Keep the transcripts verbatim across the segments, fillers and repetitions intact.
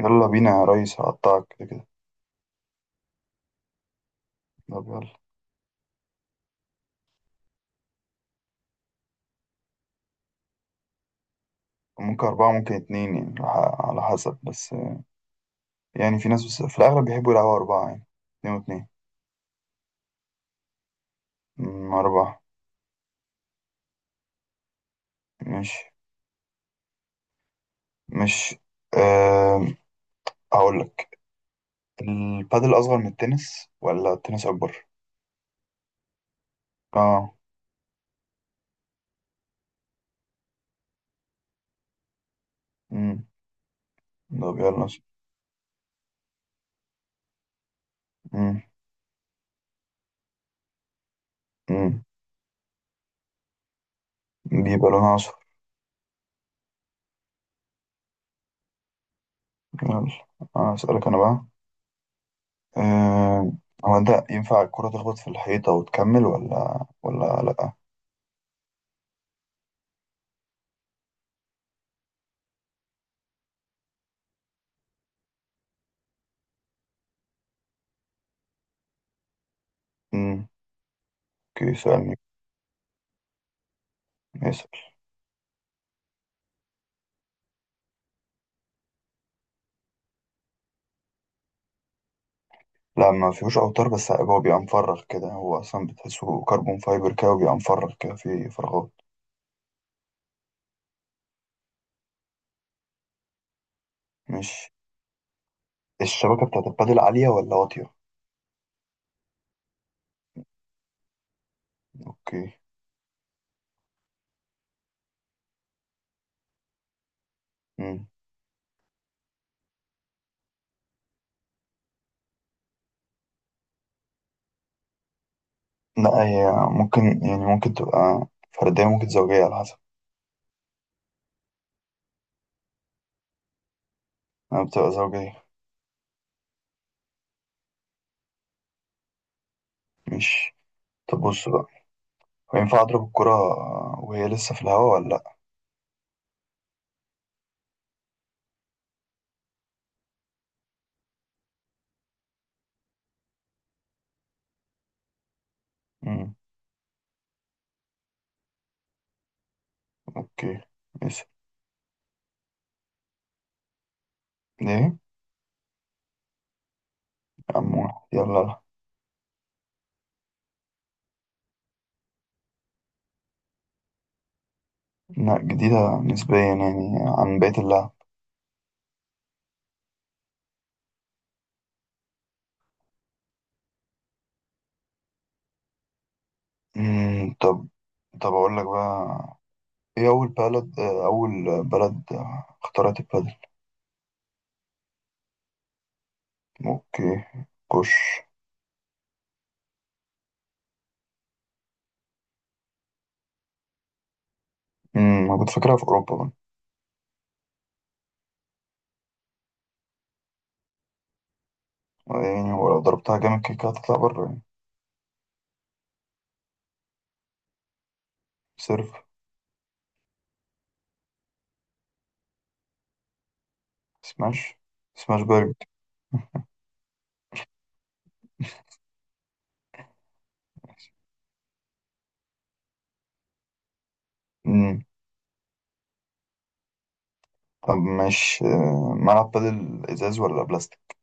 يلا بينا يا ريس، هقطعك كده كده. طب يلا. ممكن أربعة، ممكن اتنين، يعني على على حسب بس، آه، يعني في ناس، بس في الأغلب بيحبوا يلعبوا أربعة يعني، اتنين واتنين. أمم، أربعة. مش. مش. أه. هقولك. البادل أصغر من التنس ولا التنس أكبر؟ اه. أمم، طب يلا. أمم، أمم، بيبقى لونها أصفر. يلا. أنا أسألك أنا بقى. أه. هو أنت ينفع الكرة تخبط في الحيطة وتكمل ولا ولا لأ؟ أمم، اوكي. سؤال. يسأل. لا، ما فيهوش اوتار، بس هو بيبقى مفرغ كده، هو اصلا بتحسه كربون فايبر كده وبيبقى مفرغ كده في فراغات. مش. الشبكه بتاعت البادل عاليه ولا واطيه؟ اوكي. مم. لا، هي ممكن، يعني ممكن تبقى فرديه، ممكن زوجيه، على حسب. انا بتبقى زوجيه. مش. طب بص بقى، هو ينفع اضرب الكره وهي لسه في الهواء، ولا لا؟ مم. اوكي. يسأل. ليه يا عم؟ واحد. يلا لا. لا، جديده نسبيا يعني عن بقيه اللعب. مم. طب، طب أقول لك بقى، ايه أول بلد آه، أول بلد آه، اخترعت البادل؟ اوكي. كوش. امم أنا كنت فاكرها في أوروبا بقى. آه، يعني ولو ضربتها جامد كده كده هتطلع بره يعني. سيرف. سماش. سماش بارد. امم طب ماشي، آه، ملعب بادل إزاز ولا بلاستيك؟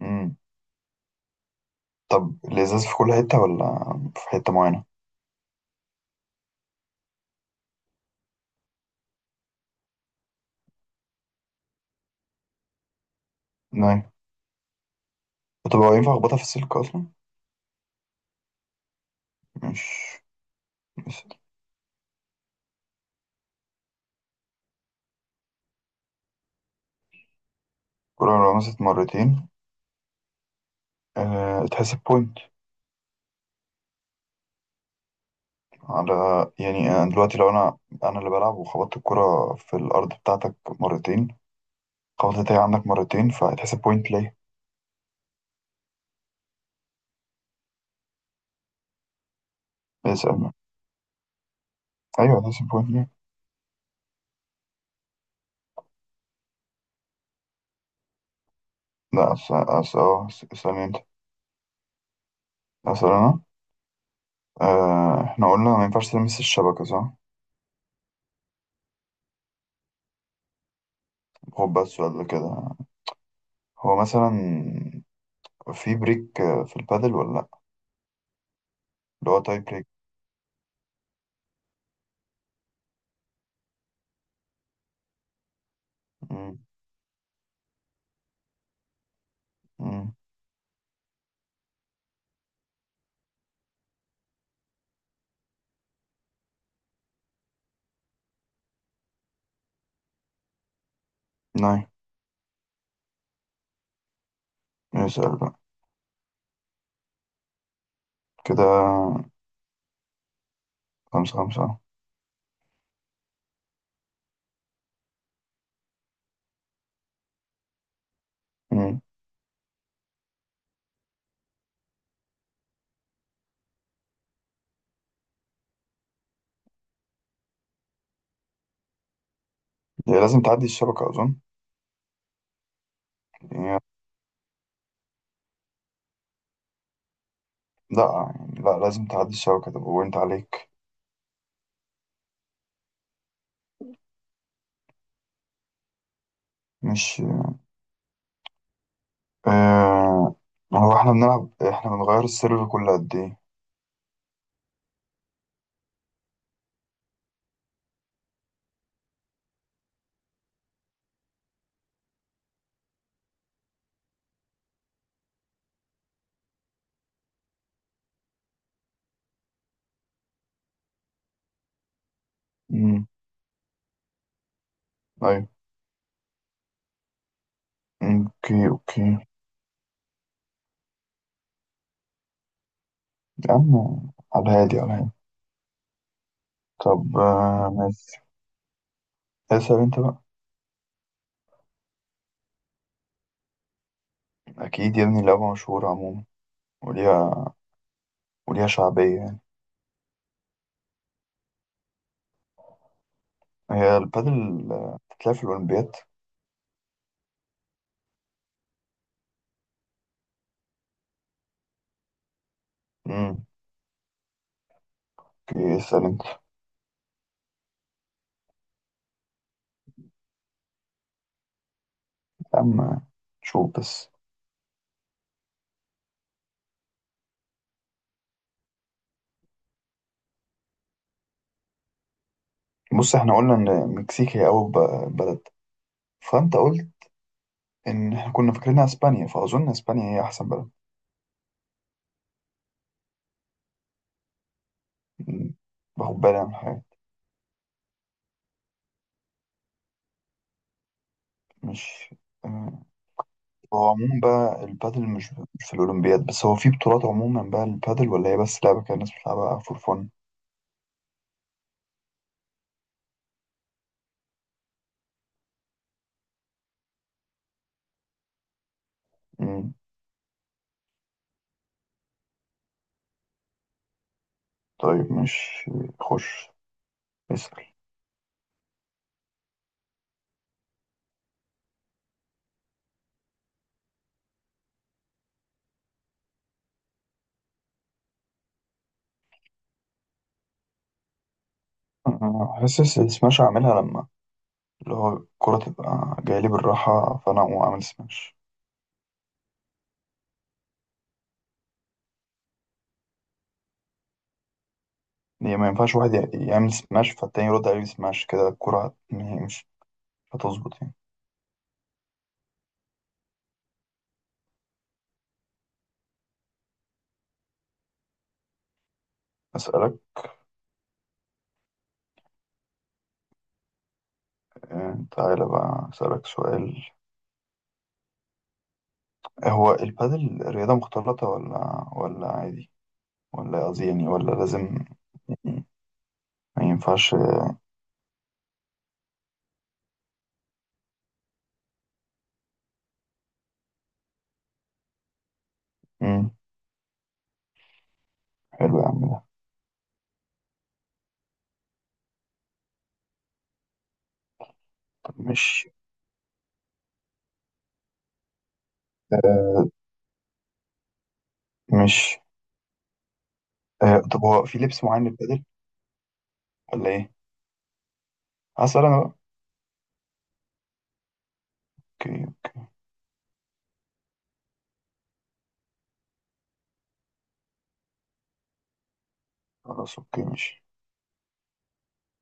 امم. طب الإزاز في كل حتة ولا في حتة معينة؟ نعم. طب هو ينفع أخبطها في السلك أصلا؟ مش. مش. الكرة لو مسكت مرتين أه... تحسب بوينت. على. يعني أنا دلوقتي، لو أنا أنا اللي بلعب وخبطت الكرة في الأرض بتاعتك مرتين، خبطت هي عندك مرتين، فهتحسب بوينت ليا. اسأل. أيوه هتحسب بوينت ليا. لا، أس أس أه أس- اسأل أنت. أسأل أنا. آه، إحنا قلنا ما ينفعش تلمس الشبكة، صح؟ خد بقى السؤال ده كده. هو مثلا في بريك آه، في البادل ولا لأ؟ اللي هو تاي بريك. مم، مم. ناي. اسأل بقى. كده خمسة خمسة. مم. هي لازم تعدي الشبكة أظن. يعني لا، يعني لا لازم تعدي الشبكة، تبقى بوينت عليك. مش. آه هو احنا بنلعب احنا بنغير السيرفر كل قد ايه؟ امم. ايوه. مم، اوكي اوكي. يا عم، على الهادي على الهادي. طب آه ماشي. اسأل انت بقى. اكيد يا ابني، لعبة مشهورة عموما، وليها وليها شعبية يعني. هي البادل آه، بتتلعب في الأولمبياد؟ امم اوكي اسأل انت. يا عم شوف بس. بص، احنا قلنا ان مكسيك هي أول ب- بلد، فانت قلت ان احنا كنا فاكرينها اسبانيا، فاظن اسبانيا هي احسن بلد. م- باخد بالي من الحاجات. مش. آه، هو عموما بقى البادل مش مش في الاولمبياد بس، هو في بطولات عموما بقى البادل، ولا هي بس لعبه كده الناس بتلعبها فور فن؟ مم. طيب مش. خش. اسال. أنا حاسس السماش اعملها لما، اللي هو الكرة تبقى جاية لي بالراحة، فأنا أقوم أعمل سماش. هي ما ينفعش واحد يع- يعمل سماش فالتاني يرد عليه سماش، كده الكرة هت- مش هتظبط يعني. أسألك. آه، تعالى بقى أسألك سؤال. هو البادل رياضة مختلطة ولا ولا عادي، ولا قصدي يعني، ولا لازم يعني ما ينفعش؟ مم. حلو يا عم ده. طب مش. مش آه طب هو في لبس معين للبادل ولا إيه؟ هسأل أنا بقى. أوكي. خلاص أوكي ماشي.